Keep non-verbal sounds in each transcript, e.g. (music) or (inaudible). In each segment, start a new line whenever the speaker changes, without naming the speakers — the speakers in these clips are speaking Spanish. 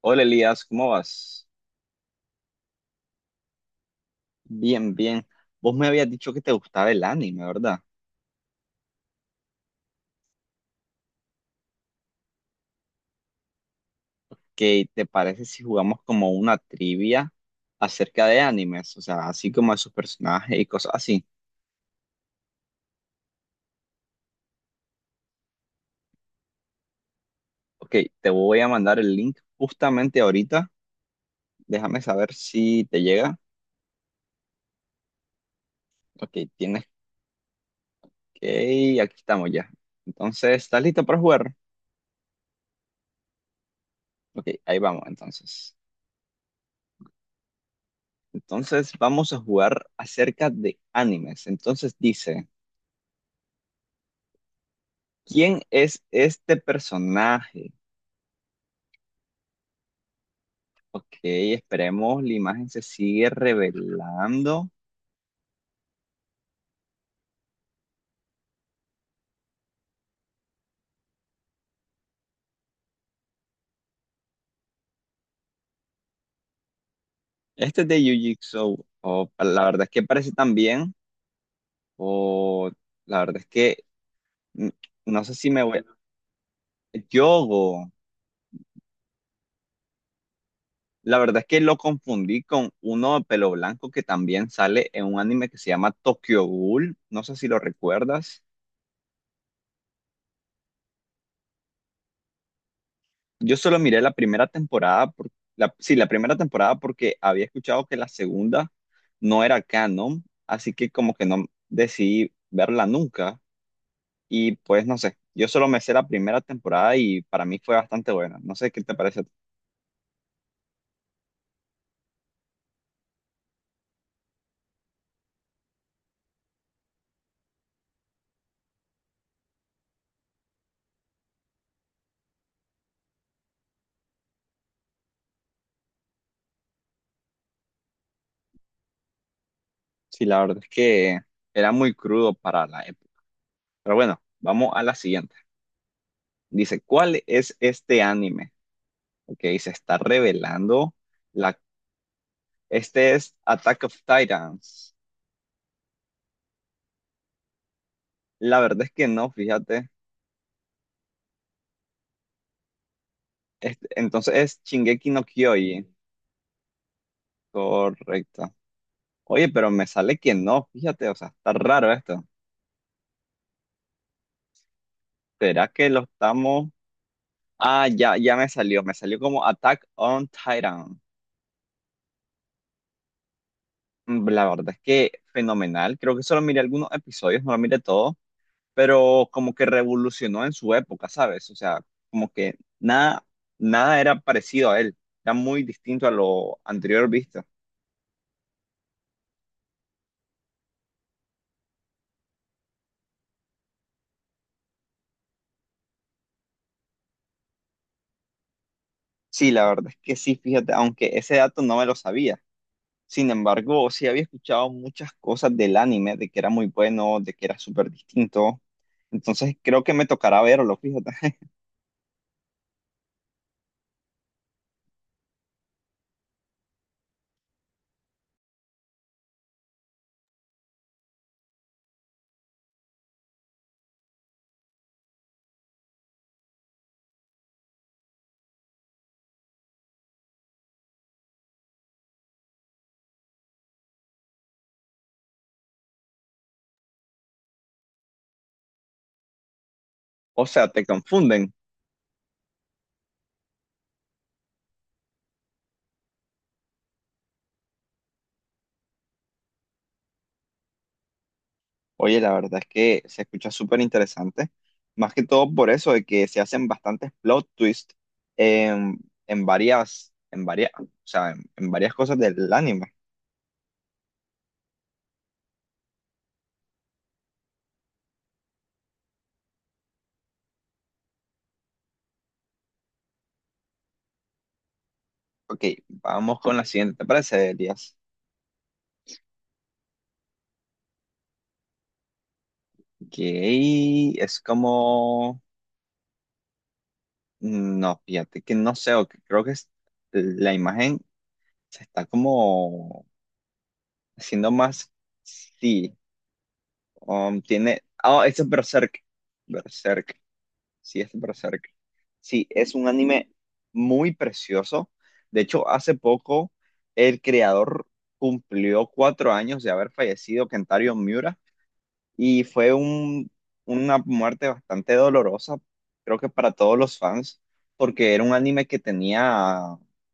Hola Elías, ¿cómo vas? Bien, bien. Vos me habías dicho que te gustaba el anime, ¿verdad? ¿Qué te parece si jugamos como una trivia acerca de animes? O sea, así como de sus personajes y cosas así. Ok, te voy a mandar el link justamente ahorita. Déjame saber si te llega. Ok, tienes que... Aquí estamos ya. Entonces, ¿estás listo para jugar? Ok, ahí vamos entonces. Entonces, vamos a jugar acerca de animes. Entonces dice, ¿quién es este personaje? Ok, esperemos la imagen se sigue revelando. Este es de Yu-Jitsu, o la verdad es que parece tan bien, o la verdad es que mm, no sé si me voy. Yogo, la verdad es que lo confundí con uno de pelo blanco que también sale en un anime que se llama Tokyo Ghoul. No sé si lo recuerdas. Yo solo miré la primera temporada, la, sí, la primera temporada porque había escuchado que la segunda no era canon, así que como que no decidí verla nunca y pues no sé, yo solo me sé la primera temporada y para mí fue bastante buena. No sé qué te parece. A ti. Sí, la verdad es que era muy crudo para la época. Pero bueno, vamos a la siguiente. Dice, ¿cuál es este anime? Ok, se está revelando. La, este es Attack of Titans. La verdad es que no, fíjate. Este, entonces es Shingeki no Kyojin. Correcto. Oye, pero me sale que no, fíjate, o sea, está raro esto. ¿Será que lo estamos...? Ah, ya, ya me salió como Attack on Titan. Mm, la verdad es que fenomenal. Creo que solo miré algunos episodios, no lo miré todo, pero como que revolucionó en su época, ¿sabes? O sea, como que nada, nada era parecido a él. Era muy distinto a lo anterior visto. Sí, la verdad es que sí, fíjate, aunque ese dato no me lo sabía. Sin embargo, sí había escuchado muchas cosas del anime, de que era muy bueno, de que era súper distinto. Entonces creo que me tocará verlo, fíjate. (laughs) O sea, te confunden. Oye, la verdad es que se escucha súper interesante. Más que todo por eso de que se hacen bastantes plot twists en, o sea, en varias cosas del anime. Ok, vamos con la siguiente, ¿te parece, Elías? Ok, es como... No, fíjate que no sé, o que creo que es la imagen se está como haciendo más. Sí, tiene. Ah, ese es Berserk. Berserk. Sí, este es Berserk. Sí, es un anime muy precioso. De hecho, hace poco el creador cumplió 4 años de haber fallecido, Kentaro Miura. Y fue una muerte bastante dolorosa, creo que para todos los fans, porque era un anime que tenía,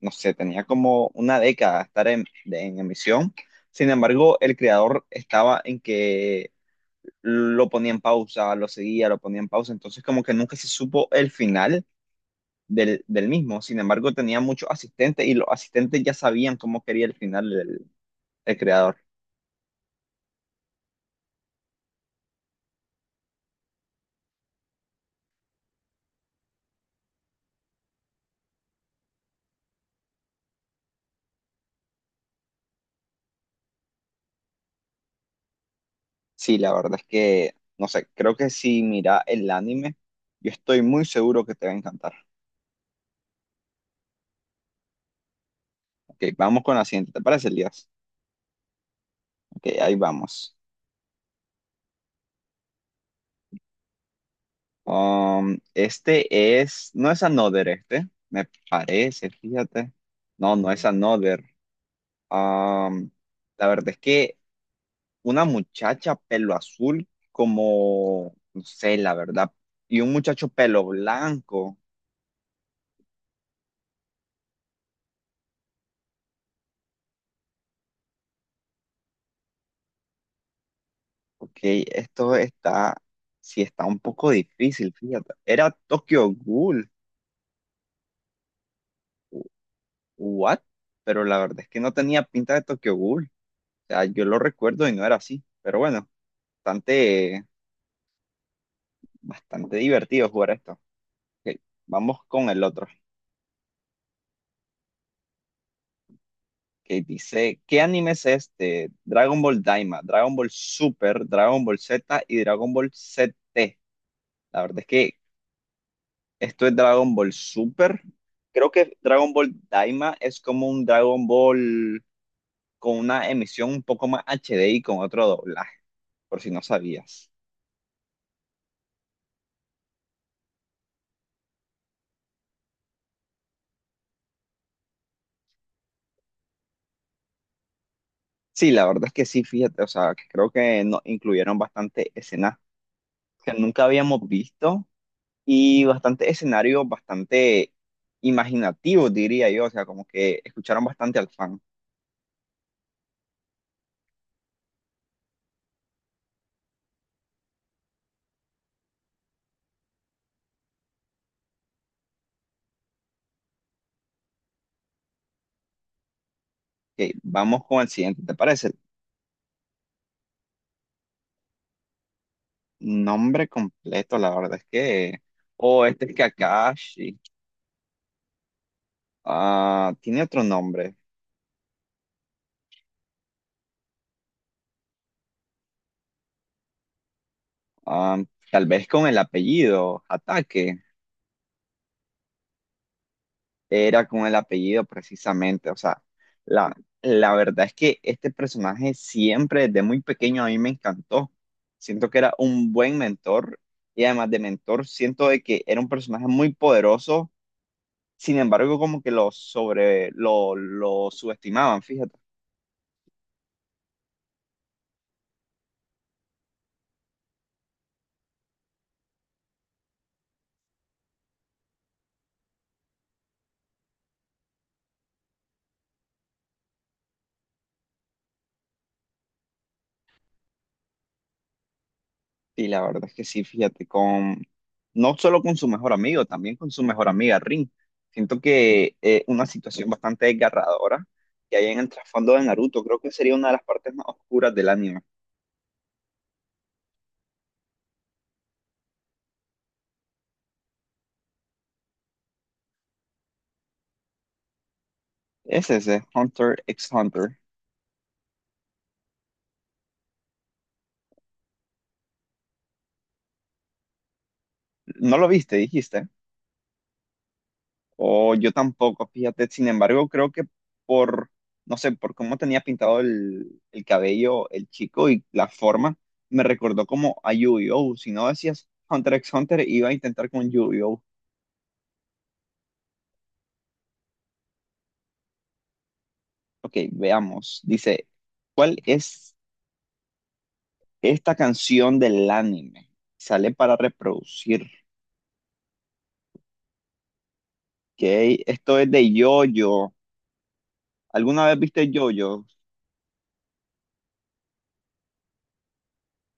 no sé, tenía como una década de estar en, en emisión. Sin embargo, el creador estaba en que lo ponía en pausa, lo seguía, lo ponía en pausa, entonces como que nunca se supo el final del mismo. Sin embargo, tenía muchos asistentes y los asistentes ya sabían cómo quería el final del el creador. Sí, la verdad es que, no sé, creo que si mira el anime, yo estoy muy seguro que te va a encantar. Ok, vamos con la siguiente, ¿te parece, Elías? Ok, ahí vamos. Este es, no es Another este, me parece, fíjate. No, no es Another. Um, la verdad es que una muchacha pelo azul como, no sé, la verdad, y un muchacho pelo blanco. Ok, esto está, sí está un poco difícil, fíjate. Era Tokyo Ghoul. u- What? Pero la verdad es que no tenía pinta de Tokyo Ghoul. O sea, yo lo recuerdo y no era así. Pero bueno, bastante, bastante divertido jugar esto. Ok, vamos con el otro. Que dice, ¿qué anime es este? Dragon Ball Daima, Dragon Ball Super, Dragon Ball Z y Dragon Ball ZT. La verdad es que esto es Dragon Ball Super. Creo que Dragon Ball Daima es como un Dragon Ball con una emisión un poco más HD y con otro doblaje, por si no sabías. Sí, la verdad es que sí, fíjate, o sea, creo que nos incluyeron bastante escenas que nunca habíamos visto y bastante escenarios bastante imaginativos, diría yo, o sea, como que escucharon bastante al fan. Ok, vamos con el siguiente, ¿te parece? Nombre completo, la verdad es que... O este es Kakashi. Ah, tiene otro nombre. Ah, tal vez con el apellido, Ataque. Era con el apellido precisamente. O sea, la, la verdad es que este personaje siempre desde muy pequeño a mí me encantó. Siento que era un buen mentor y además de mentor, siento de que era un personaje muy poderoso. Sin embargo, como que lo sobre, lo subestimaban, fíjate. Sí, la verdad es que sí, fíjate, con no solo con su mejor amigo, también con su mejor amiga Rin. Siento que una situación bastante desgarradora que hay en el trasfondo de Naruto, creo que sería una de las partes más oscuras del anime. Es ese, Hunter x Hunter. ¿No lo viste, dijiste? O yo tampoco, fíjate. Sin embargo, creo que por, no sé, por cómo tenía pintado el cabello el chico y la forma, me recordó como a Yu-Gi-Oh! Si no decías Hunter x Hunter, iba a intentar con Yu-Gi-Oh! Ok, veamos. Dice, ¿cuál es esta canción del anime? Sale para reproducir. Ok, esto es de Yoyo. ¿Alguna vez viste Yoyo?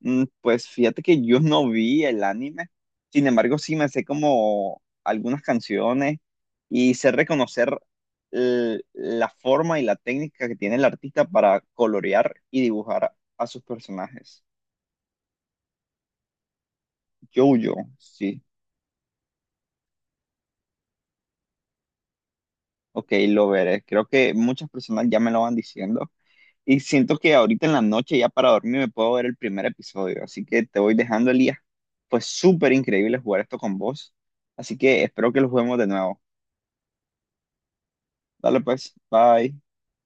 Mm, pues fíjate que yo no vi el anime. Sin embargo, sí me sé como algunas canciones y sé reconocer la forma y la técnica que tiene el artista para colorear y dibujar a sus personajes. Yoyo, sí, Ok, lo veré. Creo que muchas personas ya me lo van diciendo. Y siento que ahorita en la noche, ya para dormir, me puedo ver el primer episodio. Así que te voy dejando, Elías. Fue súper increíble jugar esto con vos. Así que espero que lo juguemos de nuevo. Dale pues, bye.